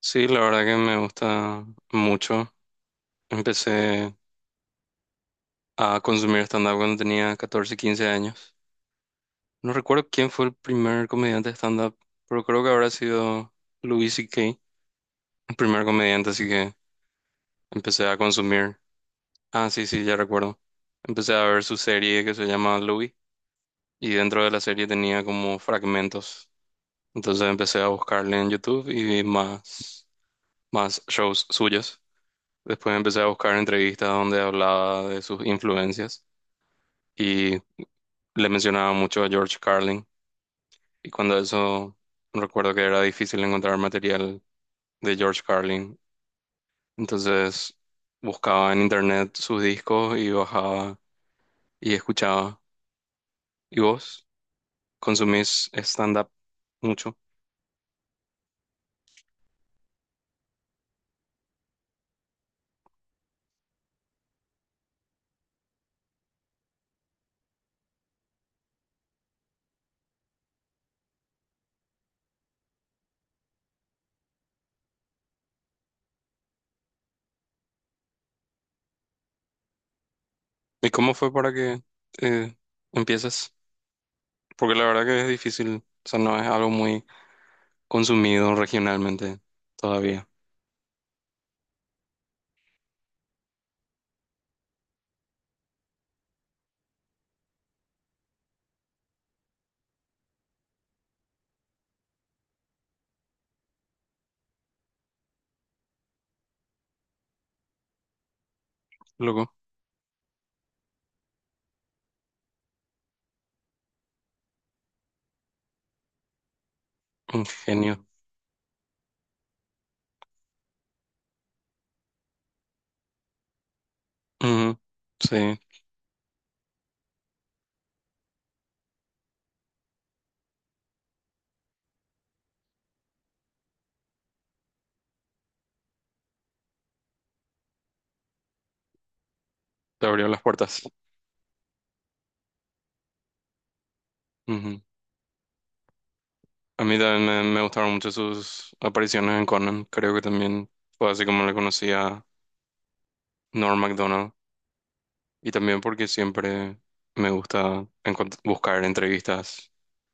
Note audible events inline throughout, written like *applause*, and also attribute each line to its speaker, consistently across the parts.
Speaker 1: Sí, la verdad que me gusta mucho. Empecé a consumir stand-up cuando tenía 14 15 años. No recuerdo quién fue el primer comediante de stand-up, pero creo que habrá sido Louis C.K., el primer comediante, así que empecé a consumir. Ah, sí, sí, ya recuerdo. Empecé a ver su serie que se llama Louis y dentro de la serie tenía como fragmentos. Entonces empecé a buscarle en YouTube y vi más shows suyos. Después empecé a buscar entrevistas donde hablaba de sus influencias, y le mencionaba mucho a George Carlin. Y cuando eso, recuerdo que era difícil encontrar material de George Carlin. Entonces buscaba en internet sus discos y bajaba y escuchaba. ¿Y vos consumís stand-up mucho? ¿Y cómo fue para que eh, empieces? Porque la verdad que es difícil, o sea, no es algo muy consumido regionalmente todavía. Loco, un genio. Ujú. Sí, te abrió las puertas. Ujú. A mí también me gustaron mucho sus apariciones en Conan. Creo que también fue así como le conocí a Norm Macdonald. Y también porque siempre me gusta buscar entrevistas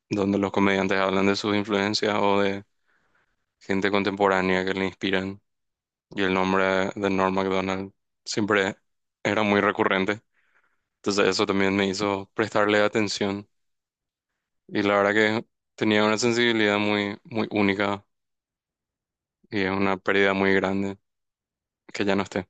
Speaker 1: donde los comediantes hablan de sus influencias o de gente contemporánea que le inspiran. Y el nombre de Norm Macdonald siempre era muy recurrente. Entonces eso también me hizo prestarle atención. Y la verdad que tenía una sensibilidad muy, muy única y es una pérdida muy grande que ya no esté.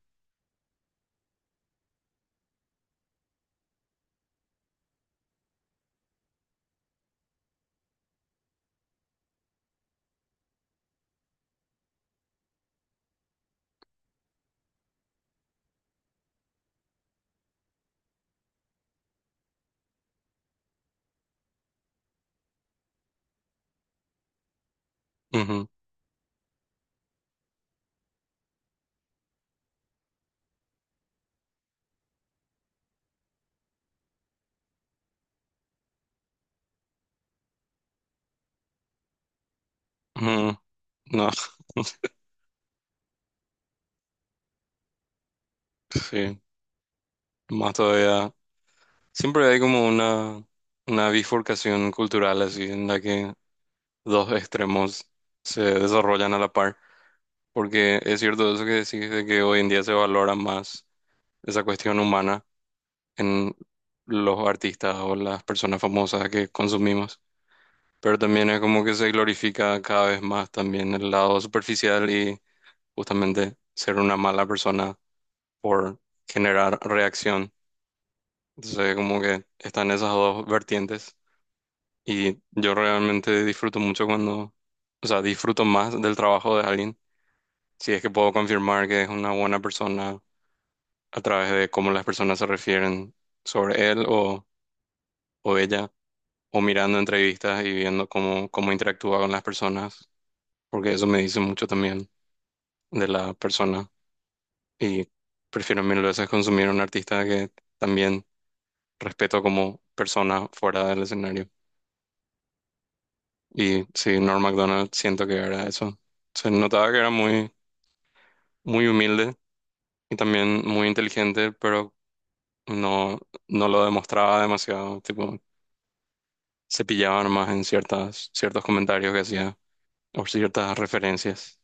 Speaker 1: Ujú. Mm, no, *laughs* sí, más todavía. Siempre hay como una bifurcación cultural así en la que dos extremos se desarrollan a la par, porque es cierto eso que decís de que hoy en día se valora más esa cuestión humana en los artistas o las personas famosas que consumimos, pero también es como que se glorifica cada vez más también el lado superficial y justamente ser una mala persona por generar reacción. Entonces, como que están esas dos vertientes y yo realmente disfruto mucho cuando, o sea, disfruto más del trabajo de alguien, si es que puedo confirmar que es una buena persona a través de cómo las personas se refieren sobre él o ella, o mirando entrevistas y viendo cómo interactúa con las personas, porque eso me dice mucho también de la persona y prefiero mil veces consumir a un artista que también respeto como persona fuera del escenario. Y sí, Norm Macdonald siento que era eso. Se notaba que era muy, muy humilde y también muy inteligente, pero no, no lo demostraba demasiado. Tipo, se pillaba nomás en ciertas, ciertos comentarios que hacía o ciertas referencias.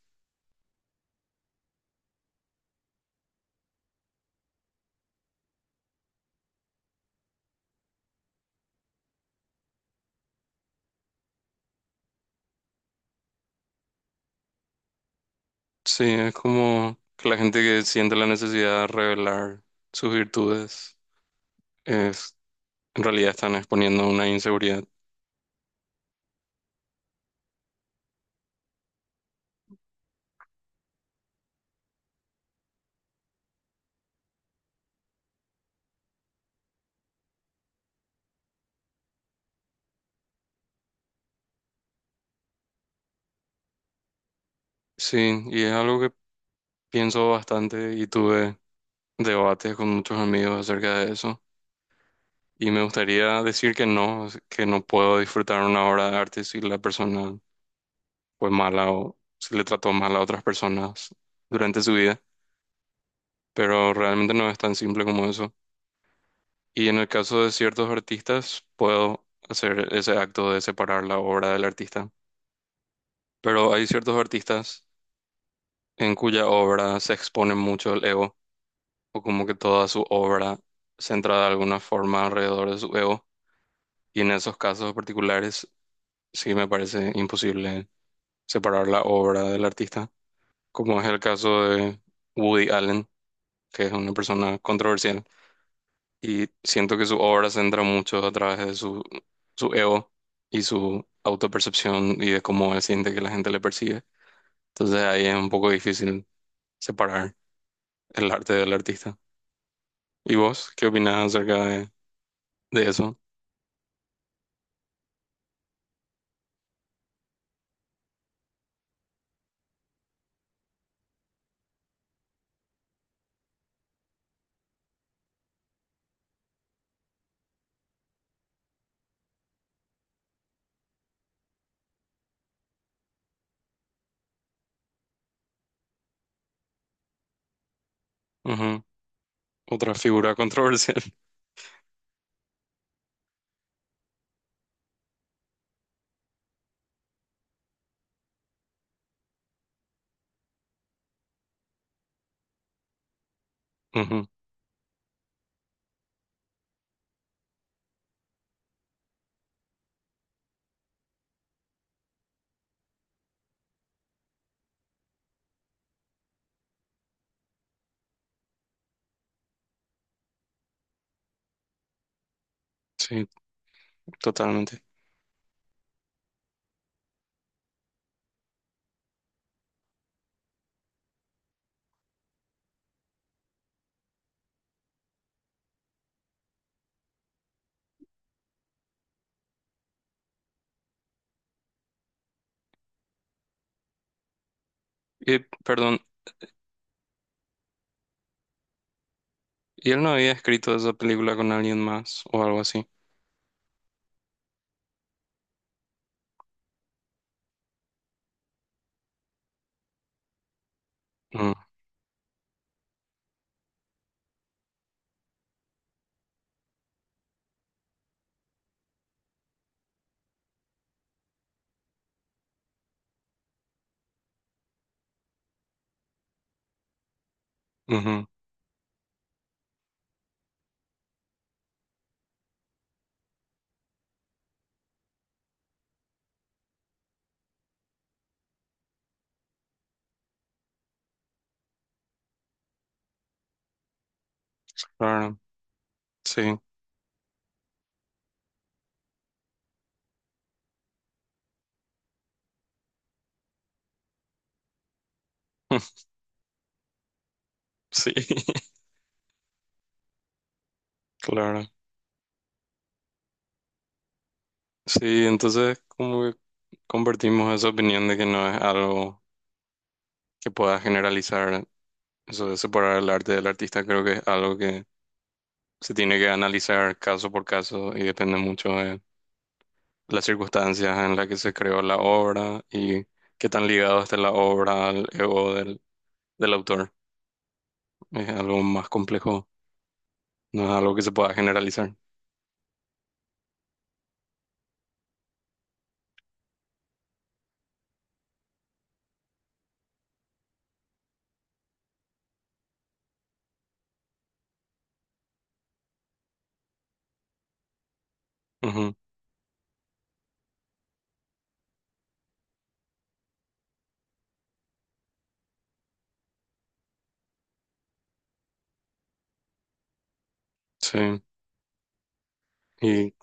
Speaker 1: Sí, es como que la gente que siente la necesidad de revelar sus virtudes, es, en realidad están exponiendo una inseguridad. Sí, y es algo que pienso bastante y tuve debates con muchos amigos acerca de eso. Y me gustaría decir que no puedo disfrutar una obra de arte si la persona fue mala o si le trató mal a otras personas durante su vida, pero realmente no es tan simple como eso. Y en el caso de ciertos artistas, puedo hacer ese acto de separar la obra del artista, pero hay ciertos artistas en cuya obra se expone mucho el ego, o como que toda su obra centra de alguna forma alrededor de su ego, y en esos casos particulares sí me parece imposible separar la obra del artista, como es el caso de Woody Allen, que es una persona controversial, y siento que su obra se centra mucho a través de su ego y su autopercepción y de cómo él siente que la gente le percibe. Entonces ahí es un poco difícil separar el arte del artista. ¿Y vos qué opinás acerca de eso? Ujú. Otra figura controversial. *laughs* Ujú. Sí, totalmente. Y, perdón, ¿y él no había escrito esa película con alguien más o algo así? No. Ujú, claro, sí, *laughs* sí, *laughs* claro. Sí, entonces como que convertimos esa opinión de que no es algo que pueda generalizar, eso de separar el arte del artista, creo que es algo que se tiene que analizar caso por caso y depende mucho de las circunstancias en las que se creó la obra y qué tan ligado está la obra al ego del autor. Es algo más complejo, no es algo que se pueda generalizar. Ujú, sí.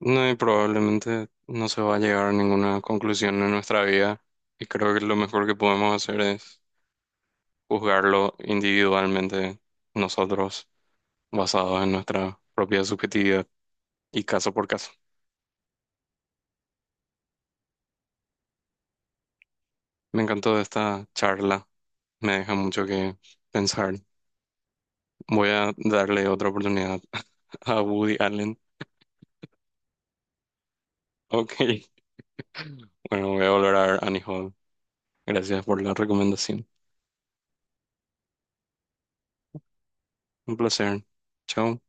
Speaker 1: No, y probablemente no se va a llegar a ninguna conclusión en nuestra vida. Y creo que lo mejor que podemos hacer es juzgarlo individualmente nosotros, basados en nuestra propia subjetividad y caso por caso. Me encantó esta charla, me deja mucho que pensar. Voy a darle otra oportunidad *laughs* a Woody Allen. Ok, bueno, voy a volver a ver Annie Hall. Gracias por la recomendación. Un placer. Chao.